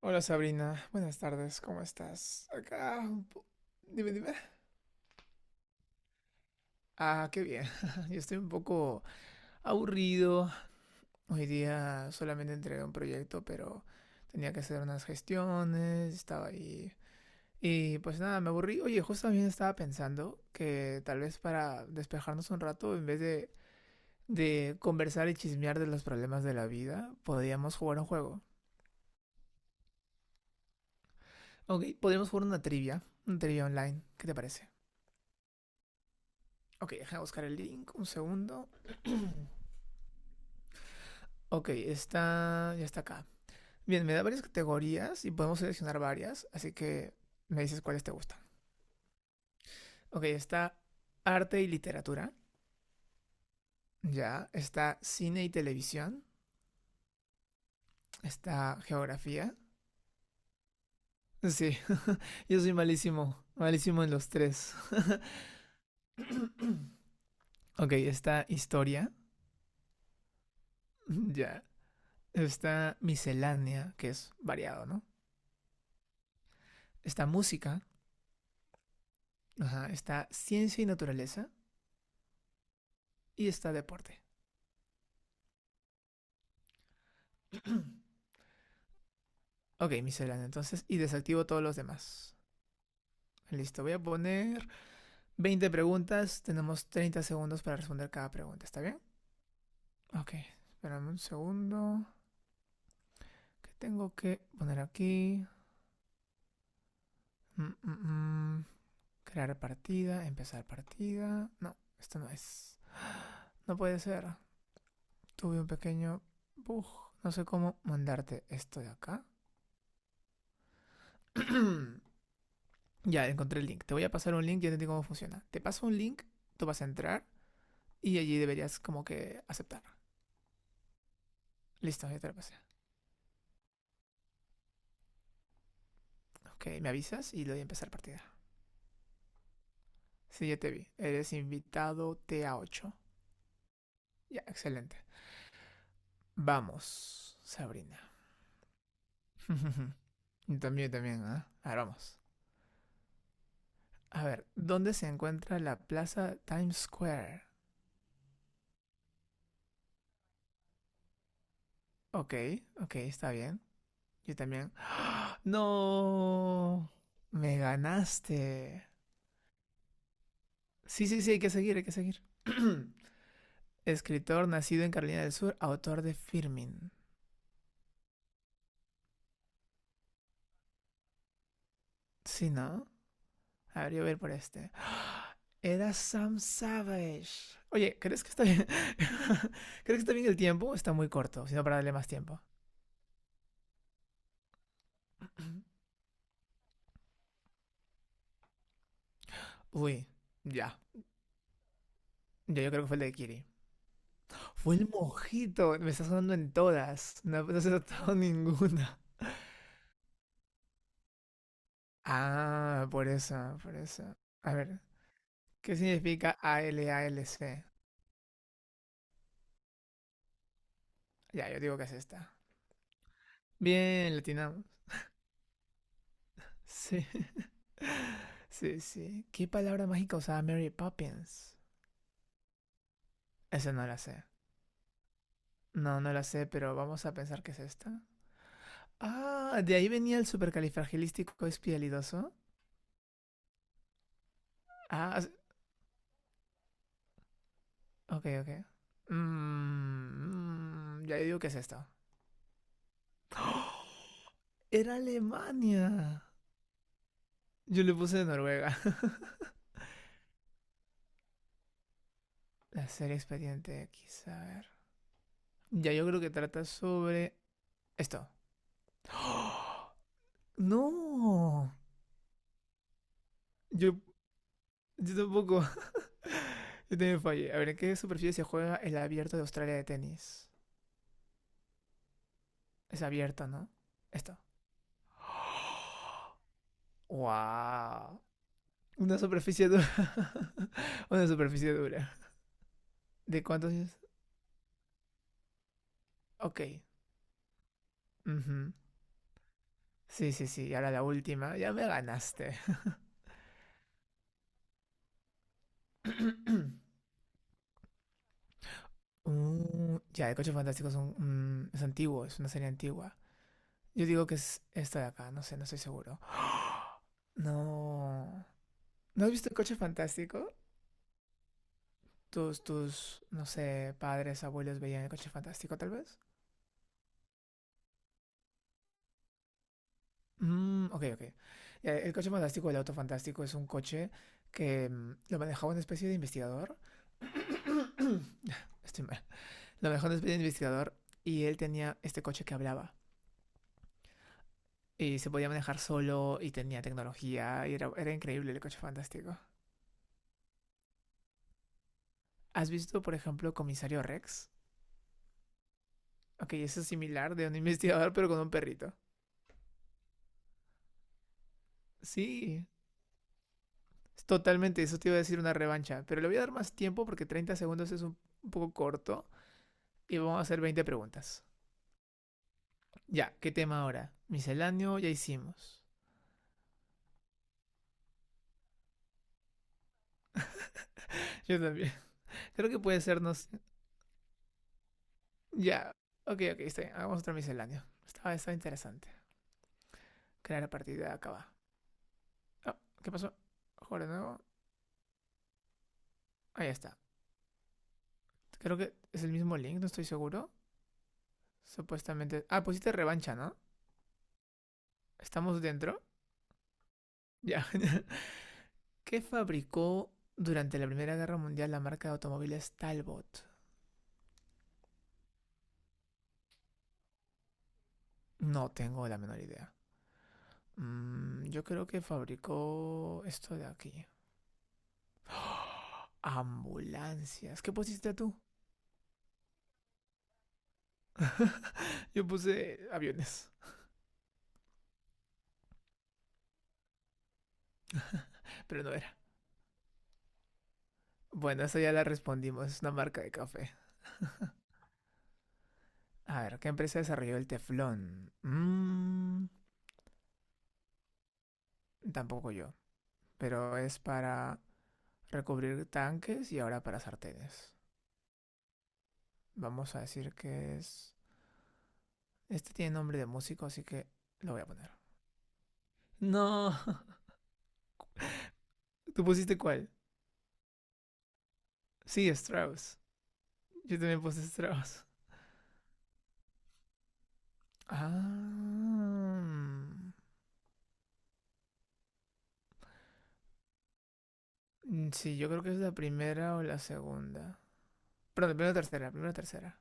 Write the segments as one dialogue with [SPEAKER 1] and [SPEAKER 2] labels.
[SPEAKER 1] Hola Sabrina, buenas tardes, ¿cómo estás? Dime, dime. Ah, qué bien. Yo estoy un poco aburrido. Hoy día solamente entregué un proyecto, pero tenía que hacer unas gestiones, estaba ahí. Y pues nada, me aburrí. Oye, justo también estaba pensando que tal vez para despejarnos un rato, en vez de conversar y chismear de los problemas de la vida, podríamos jugar un juego. Ok, podríamos jugar una trivia online. ¿Qué te parece? Ok, déjame buscar el link, un segundo. Ok, ya está acá. Bien, me da varias categorías y podemos seleccionar varias, así que me dices cuáles te gustan. Ok, está arte y literatura, ya, está cine y televisión, está geografía. Sí, yo soy malísimo, malísimo en los tres. Ok, está historia, ya, está miscelánea, que es variado, ¿no? Está música, ajá, está ciencia y naturaleza y está deporte. Ok, miscelánea, entonces, y desactivo todos los demás. Listo, voy a poner 20 preguntas. Tenemos 30 segundos para responder cada pregunta, ¿está bien? Ok, espérame un segundo. ¿Qué tengo que poner aquí? Mm, mm, mm. Crear partida, empezar partida. No, esto no es. No puede ser. Tuve un pequeño bug. No sé cómo mandarte esto de acá. Ya, encontré el link. Te voy a pasar un link, ya te digo cómo funciona. Te paso un link, tú vas a entrar y allí deberías como que aceptar. Listo, ya te lo pasé. Ok, me avisas y le doy a empezar partida. Sí, ya te vi. Eres invitado T a ocho. Ya, excelente. Vamos, Sabrina. Yo también, ¿ah? ¿Eh? Ahora vamos. A ver, ¿dónde se encuentra la plaza Times Square? Ok, ok, está bien. Yo también. ¡No! Me ganaste. Sí, sí, sí, hay que seguir, hay que seguir. Escritor nacido en Carolina del Sur, autor de Firmin. Sí, ¿no? A ver, yo voy a ir por este. Era Sam Savage. Oye, ¿crees que está bien? ¿Crees que está bien el tiempo? Está muy corto, sino para darle más tiempo. Uy, ya. Ya, yo creo que fue el de Kiri. Fue el mojito. Me está sonando en todas. No, no se ha notado ninguna. Ah, por eso, por eso. A ver, ¿qué significa ALALC? Ya, yo digo que es esta. Bien, latinamos. Sí, sí, sí. ¿Qué palabra mágica usaba Mary Poppins? Esa no la sé. No, no la sé, pero vamos a pensar que es esta. Ah, de ahí venía el supercalifragilístico espialidoso. Ah, ok, ok. Ya digo que es esto. Era Alemania. Yo le puse Noruega. La serie Expediente X, a ver. Ya yo creo que trata sobre esto. No. Yo, yo tampoco. Yo también fallé. A ver, ¿en qué superficie se juega el abierto de Australia de tenis? Es abierto, ¿no? Esto. Wow. Una superficie dura. Una superficie dura. ¿De cuántos años? Ok. Ujú. Sí, sí, sí. Y ahora la última. Ya me ganaste. Ya, el coche fantástico es antiguo, es una serie antigua. Yo digo que es esta de acá, no sé, no estoy seguro. No. ¿No has visto el coche fantástico? Tus, no sé, padres, abuelos veían el coche fantástico, tal vez. Ok, ok. Ya, el coche fantástico, el auto fantástico, es un coche que lo manejaba una especie de investigador, estoy mal. Lo mejor es de investigador y él tenía este coche que hablaba. Y se podía manejar solo y tenía tecnología y era increíble el coche fantástico. ¿Has visto, por ejemplo, Comisario Rex? Ok, eso es similar de un investigador pero con un perrito. Sí, es totalmente, eso te iba a decir una revancha, pero le voy a dar más tiempo porque 30 segundos es un poco corto y vamos a hacer 20 preguntas. Ya, ¿qué tema ahora? Misceláneo ya hicimos. Yo también. Creo que puede ser, no. Ya. Ok, ok, está bien. Hagamos otro misceláneo. Estaba interesante. Crear a partir de acá. Va. Ah, ¿qué pasó? Joder, no. Ahí está. Creo que es el mismo link, no estoy seguro. Supuestamente. Ah, pusiste revancha, ¿no? ¿Estamos dentro? Ya. ¿Qué fabricó durante la Primera Guerra Mundial la marca de automóviles Talbot? No tengo la menor idea. Yo creo que fabricó esto de aquí. ¡Oh! Ambulancias. ¿Qué pusiste tú? Yo puse aviones, pero no. Bueno, eso ya la respondimos, es una marca de café. A ver, ¿qué empresa desarrolló el teflón? Tampoco yo, pero es para recubrir tanques y ahora para sartenes. Vamos a decir que es... Este tiene nombre de músico, así que lo voy a poner. No, ¿tú pusiste cuál? Sí, Strauss. Yo también puse Strauss. Ah, sí, yo creo que es la primera o la segunda. Perdón, primero tercera, primero tercera.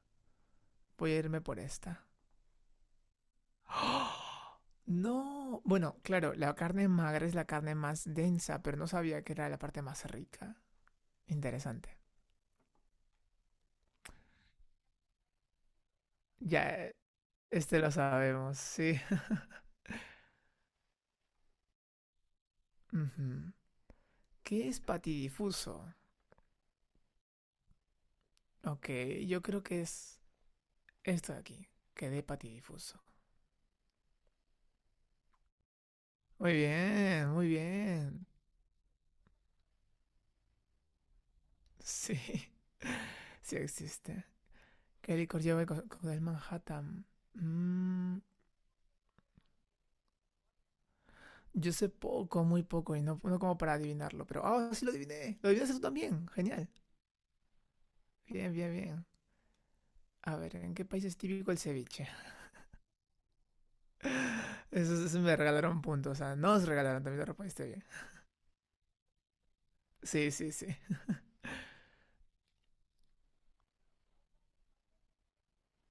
[SPEAKER 1] Voy a irme por esta. No, bueno, claro, la carne magra es la carne más densa, pero no sabía que era la parte más rica. Interesante. Ya, este lo sabemos, sí. Ujú. ¿Qué es patidifuso? Ok, yo creo que es esto de aquí, que de patidifuso. Muy bien, muy bien. Sí, sí existe. ¿Qué licor lleva el cóctel Manhattan? Mm, yo sé poco, muy poco, y no, no como para adivinarlo, pero... ¡Ah, sí lo adiviné! ¡Lo adivinaste tú también! ¡Genial! Bien, bien, bien. A ver, ¿en qué país es típico el ceviche? Eso me regalaron puntos. O sea, no nos regalaron también la respuesta bien. Sí, sí, sí.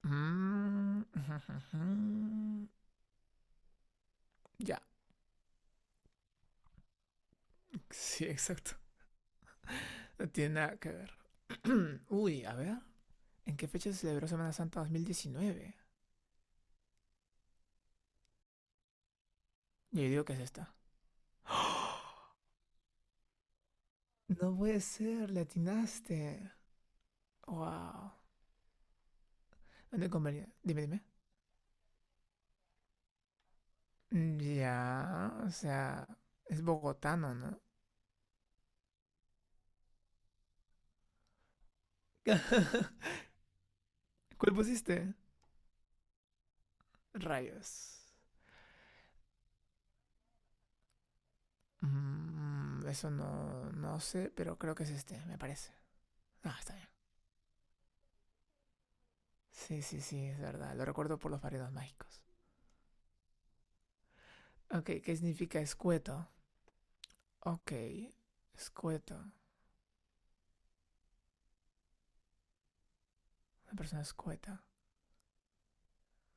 [SPEAKER 1] Mm, Ya, sí, exacto. No tiene nada que ver. Uy, a ver. ¿En qué fecha se celebró Semana Santa 2019? Yo digo que es esta. No puede ser, le atinaste. Wow. ¿Dónde convenía? Dime, dime. Ya, o sea, es bogotano, ¿no? ¿Cuál pusiste? Rayos. Eso no, no sé, pero creo que es este, me parece. Ah, está bien. Sí, sí, sí, es verdad. Lo recuerdo por los variados mágicos. Ok, ¿qué significa escueto? Ok, escueto. Una persona escueta.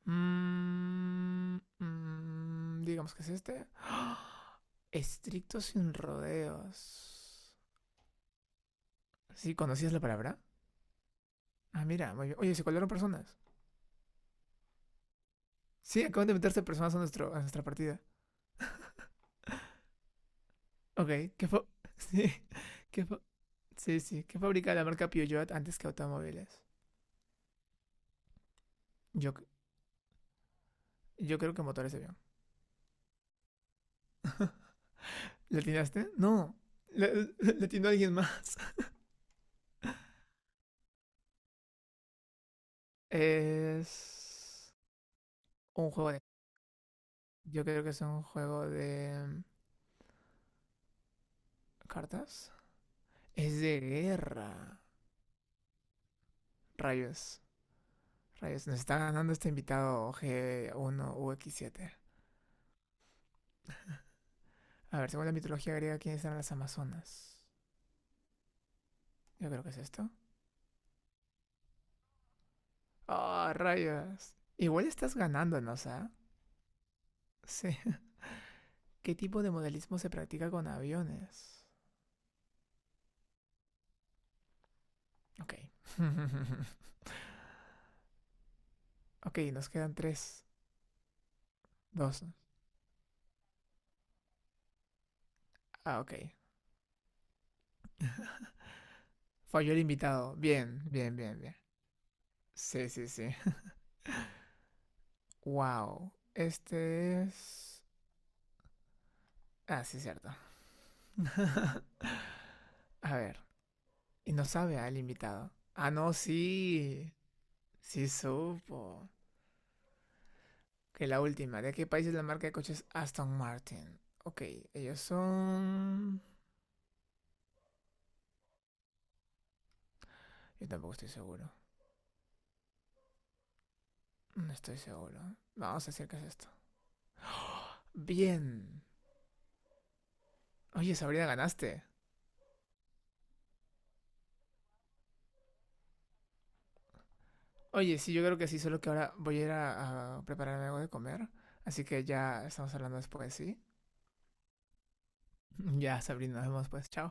[SPEAKER 1] Digamos que es este. Estricto sin rodeos. ¿Sí? ¿Conocías la palabra? Ah, mira, muy bien. Oye, se colaron personas. Sí, acaban de meterse personas a nuestra partida. Ok, ¿qué fue? Sí, ¿qué sí, sí. ¿Qué fabrica la marca Peugeot antes que automóviles? Yo, yo creo que motores de avión. ¿Le atinaste? No. Le, le atinó alguien más. Es un juego de... Yo creo que es un juego de... ¿cartas? Es de guerra. Rayos. Rayos. Nos está ganando este invitado g 1 x 7. A ver, según la mitología griega, ¿quiénes eran las Amazonas? Yo creo que es esto. ¡Ah, rayos! Igual estás ganándonos, ¿ah? Sí. ¿Qué tipo de modelismo se practica con aviones? Ok. Ok, nos quedan tres. Dos. Ah, ok. Falló el invitado. Bien, bien, bien, bien. Sí, sí, sí. Wow. Este es... Ah, sí, cierto. A ver. Y no sabe al invitado. Ah, no, sí. Sí supo. Que la última. ¿De qué país es la marca de coches Aston Martin? Ok, ellos son... Yo tampoco estoy seguro. No estoy seguro. Vamos a decir que es esto. Bien. Oye, Sabrina, ganaste. Oye, sí, yo creo que sí, solo que ahora voy a ir a prepararme algo de comer. Así que ya estamos hablando después, ¿sí? Ya, Sabrina, nos vemos pues. Chao.